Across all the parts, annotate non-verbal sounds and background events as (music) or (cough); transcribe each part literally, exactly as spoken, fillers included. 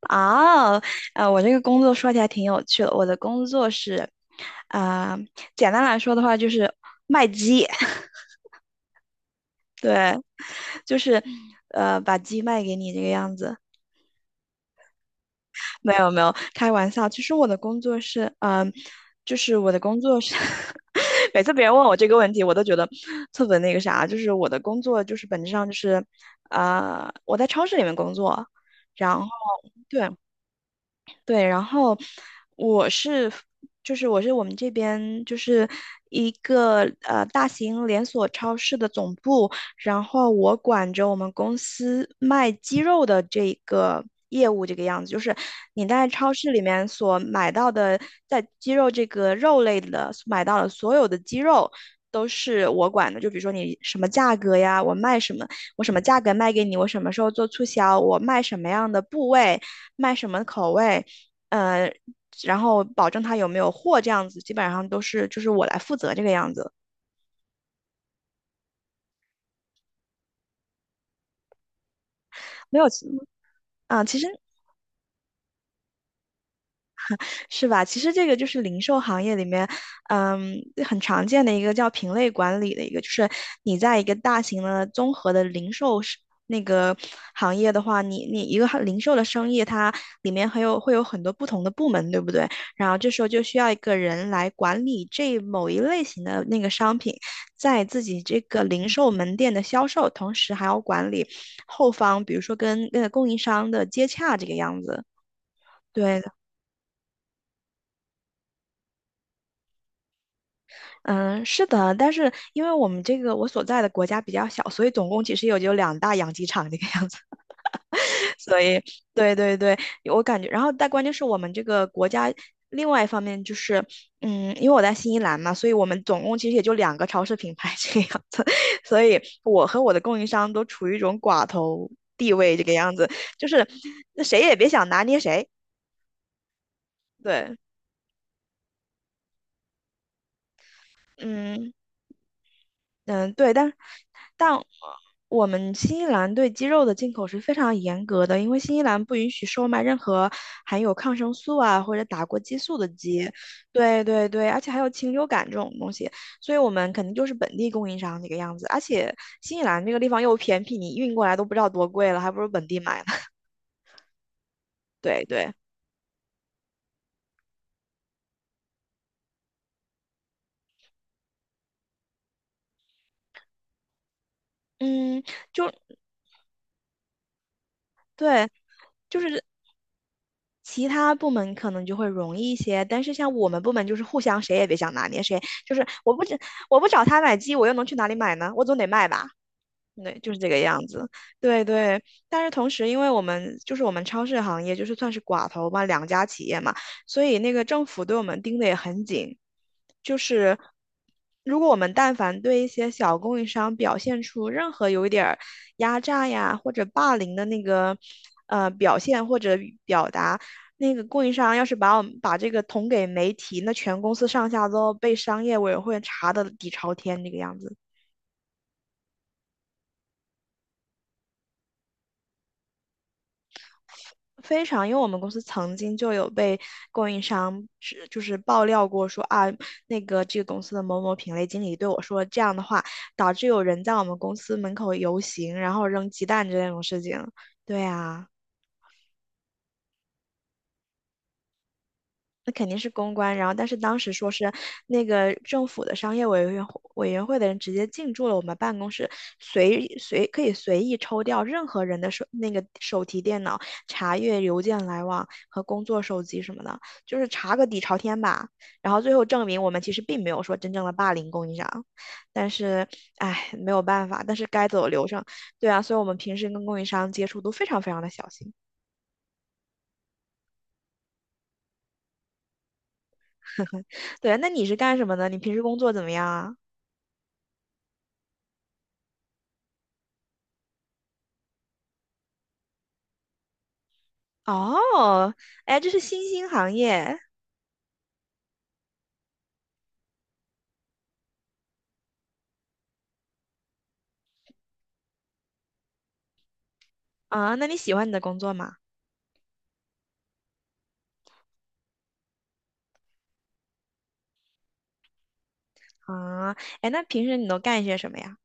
啊，呃，我这个工作说起来挺有趣的。我的工作是，啊、简单来说的话就是卖鸡，(laughs) 对，就是呃把鸡卖给你这个样子。没有没有，开玩笑。其实我的工作是，嗯、就是我的工作是，(laughs) 每次别人问我这个问题，我都觉得特别那个啥。就是我的工作就是本质上就是，呃，我在超市里面工作，然后对。对，然后我是，就是我是我们这边就是一个呃大型连锁超市的总部，然后我管着我们公司卖鸡肉的这个业务，这个样子，就是你在超市里面所买到的，在鸡肉这个肉类的买到的所有的鸡肉。都是我管的，就比如说你什么价格呀，我卖什么，我什么价格卖给你，我什么时候做促销，我卖什么样的部位，卖什么口味，呃，然后保证他有没有货这样子，基本上都是就是我来负责这个样子，没有其，啊、其实是吧？其实这个就是零售行业里面，嗯，很常见的一个叫品类管理的一个，就是你在一个大型的综合的零售是那个行业的话，你你一个行零售的生意，它里面还有会有很多不同的部门，对不对？然后这时候就需要一个人来管理这某一类型的那个商品，在自己这个零售门店的销售，同时还要管理后方，比如说跟那供应商的接洽这个样子。对，嗯，是的，但是因为我们这个我所在的国家比较小，所以总共其实也就两大养鸡场这个样子，(laughs) 所以对对对，我感觉，然后但关键是我们这个国家另外一方面就是，嗯，因为我在新西兰嘛，所以我们总共其实也就两个超市品牌这个样子，(laughs) 所以我和我的供应商都处于一种寡头地位这个样子，就是那谁也别想拿捏谁，对，嗯。嗯，对，但但我们新西兰对鸡肉的进口是非常严格的，因为新西兰不允许售卖任何含有抗生素啊或者打过激素的鸡。对对对，而且还有禽流感这种东西，所以我们肯定就是本地供应商这个样子。而且新西兰这个地方又偏僻，你运过来都不知道多贵了，还不如本地买呢。(laughs) 对对，嗯，就对，就是。其他部门可能就会容易一些，但是像我们部门就是互相谁也别想拿捏谁，就是我不找我不找他买鸡，我又能去哪里买呢？我总得卖吧。对，就是这个样子。对对，但是同时，因为我们就是我们超市行业就是算是寡头嘛，两家企业嘛，所以那个政府对我们盯得也很紧。就是如果我们但凡对一些小供应商表现出任何有一点儿压榨呀或者霸凌的那个呃表现或者语表达，那个供应商要是把我们把这个捅给媒体，那全公司上下都要被商业委员会查的底朝天这个样子。非常，因为我们公司曾经就有被供应商指就是爆料过说啊，那个这个公司的某某品类经理对我说这样的话，导致有人在我们公司门口游行，然后扔鸡蛋这种事情。对啊。那肯定是公关。然后，但是当时说是那个政府的商业委员会委员会的人直接进驻了我们办公室，随随可以随意抽调任何人的手那个手提电脑，查阅邮件来往和工作手机什么的，就是查个底朝天吧。然后最后证明我们其实并没有说真正的霸凌供应商，但是唉没有办法，但是该走流程。对啊，所以我们平时跟供应商接触都非常非常的小心。对啊，那你是干什么的？你平时工作怎么样啊？哦，哎，这是新兴行业啊，那你喜欢你的工作吗？啊，哎，那平时你都干些什么呀？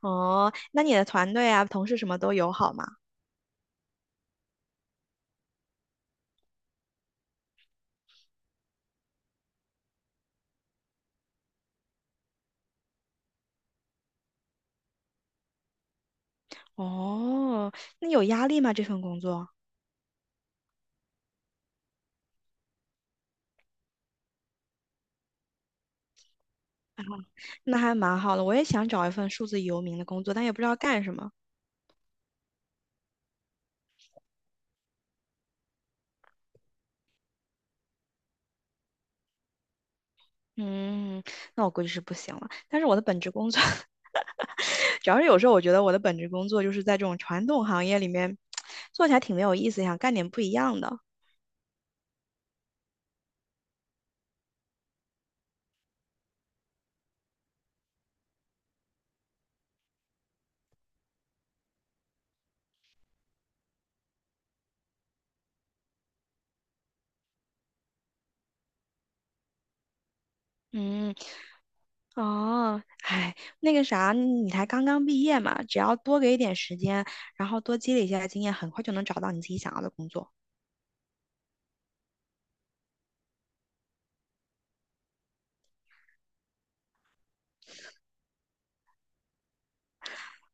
哦，那你的团队啊，同事什么都友好吗？哦，那有压力吗？这份工作？那还蛮好的，我也想找一份数字游民的工作，但也不知道干什么。嗯，那我估计是不行了。但是我的本职工作 (laughs) 主要是有时候我觉得我的本职工作就是在这种传统行业里面 (tsk) 做起来挺没有意思，想干点不一样的。嗯，哦，哎，那个啥，你才刚刚毕业嘛，只要多给一点时间，然后多积累一下经验，很快就能找到你自己想要的工作。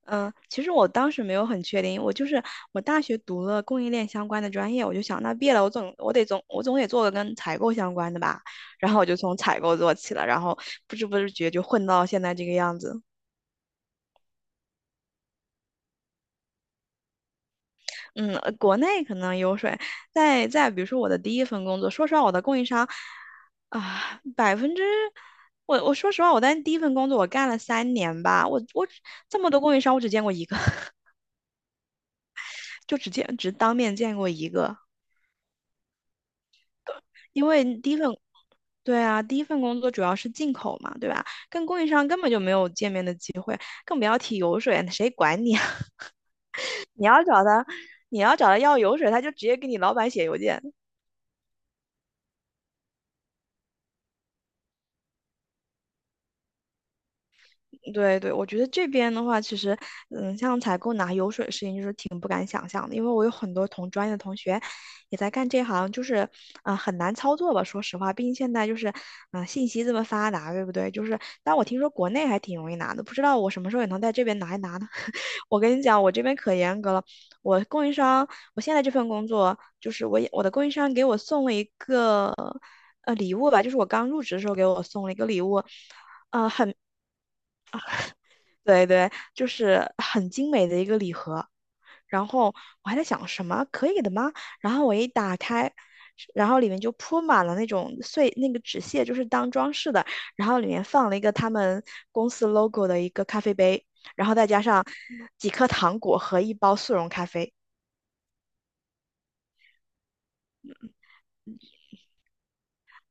嗯，其实我当时没有很确定，我就是我大学读了供应链相关的专业，我就想那毕业了，我总我得总我总得做个跟采购相关的吧，(laughs) 然后我就从采购做起了，然后不知不觉就混到现在这个样子。嗯，呃国内可能有水，在在比如说我的第一份工作，说实话，我的供应商啊，百分之我我说实话，我在第一份工作我干了三年吧，我我只这么多供应商，我只见过一个，(laughs) 就只见只当面见过一个，因为第一份对啊，第一份工作主要是进口嘛，对吧？跟供应商根本就没有见面的机会，更不要提油水，谁管你啊？(laughs) 你要找他，你要找他，要油水，他就直接给你老板写邮件。对对，我觉得这边的话，其实，嗯，像采购拿油水的事情，就是挺不敢想象的，因为我有很多同专业的同学也在干这行，就是，啊、很难操作吧？说实话，毕竟现在就是，啊、信息这么发达，对不对？就是，但我听说国内还挺容易拿的，不知道我什么时候也能在这边拿一拿呢？(laughs) 我跟你讲，我这边可严格了，我供应商，我现在这份工作，就是我也我的供应商给我送了一个。呃，礼物吧，就是我刚入职的时候给我送了一个礼物，对对，就是很精美的一个礼盒。然后我还在想什么可以的吗？然后我一打开，然后里面就铺满了那种碎那个纸屑，就是当装饰的。然后里面放了一个他们公司 logo 的一个咖啡杯，然后再加上几颗糖果和一包速溶咖啡，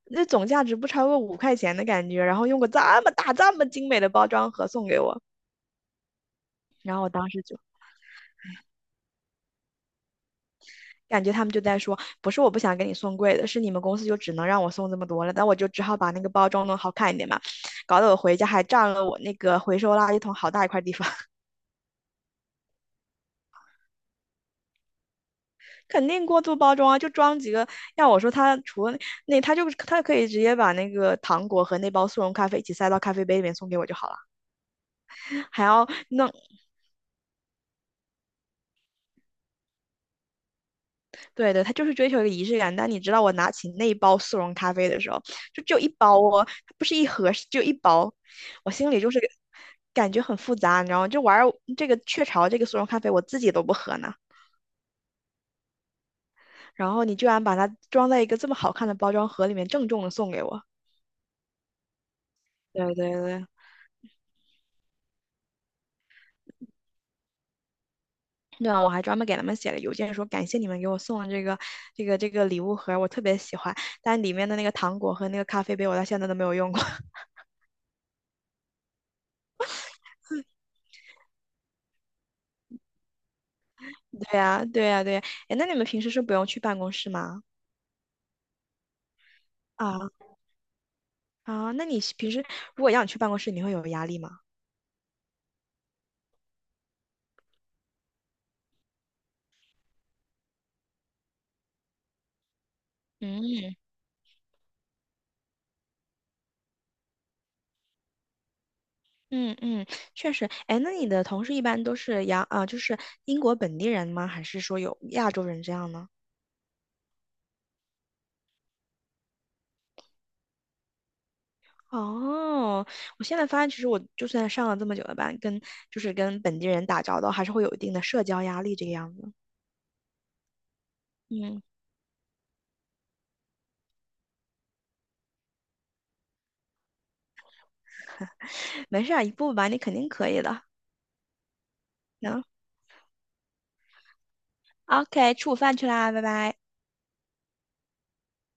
那总价值不超过五块钱的感觉。然后用个这么大、这么精美的包装盒送给我，然后我当时就。感觉他们就在说，不是我不想给你送贵的，是你们公司就只能让我送这么多了，那我就只好把那个包装弄好看一点嘛，搞得我回家还占了我那个回收垃圾桶好大一块地方，(laughs) 肯定过度包装啊，就装几个。要我说，他除了那，他就他可以直接把那个糖果和那包速溶咖啡一起塞到咖啡杯里面送给我就好了，还要弄对对，他就是追求一个仪式感。但你知道，我拿起那一包速溶咖啡的时候，就只有一包哦，它不是一盒，是只有一包，我心里就是感觉很复杂，你知道吗？就玩儿这个雀巢这个速溶咖啡，我自己都不喝呢。然后你居然把它装在一个这么好看的包装盒里面，郑重的送给我。对对对。对啊，我还专门给他们写了邮件，说感谢你们给我送的这个、这个、这个礼物盒，我特别喜欢。但里面的那个糖果和那个咖啡杯，我到现在都没有用过。对呀，对呀，对呀。哎，那你们平时是不用去办公室吗？啊啊，那你平时如果要你去办公室，你会有压力吗？嗯嗯嗯，确实。哎，那你的同事一般都是洋啊，就是英国本地人吗？还是说有亚洲人这样呢？哦，我现在发现，其实我就算上了这么久的班，跟就是跟本地人打交道，还是会有一定的社交压力这个样子。嗯，没事儿，一步步吧，你肯定可以的。行，OK,吃午饭去啦，拜拜。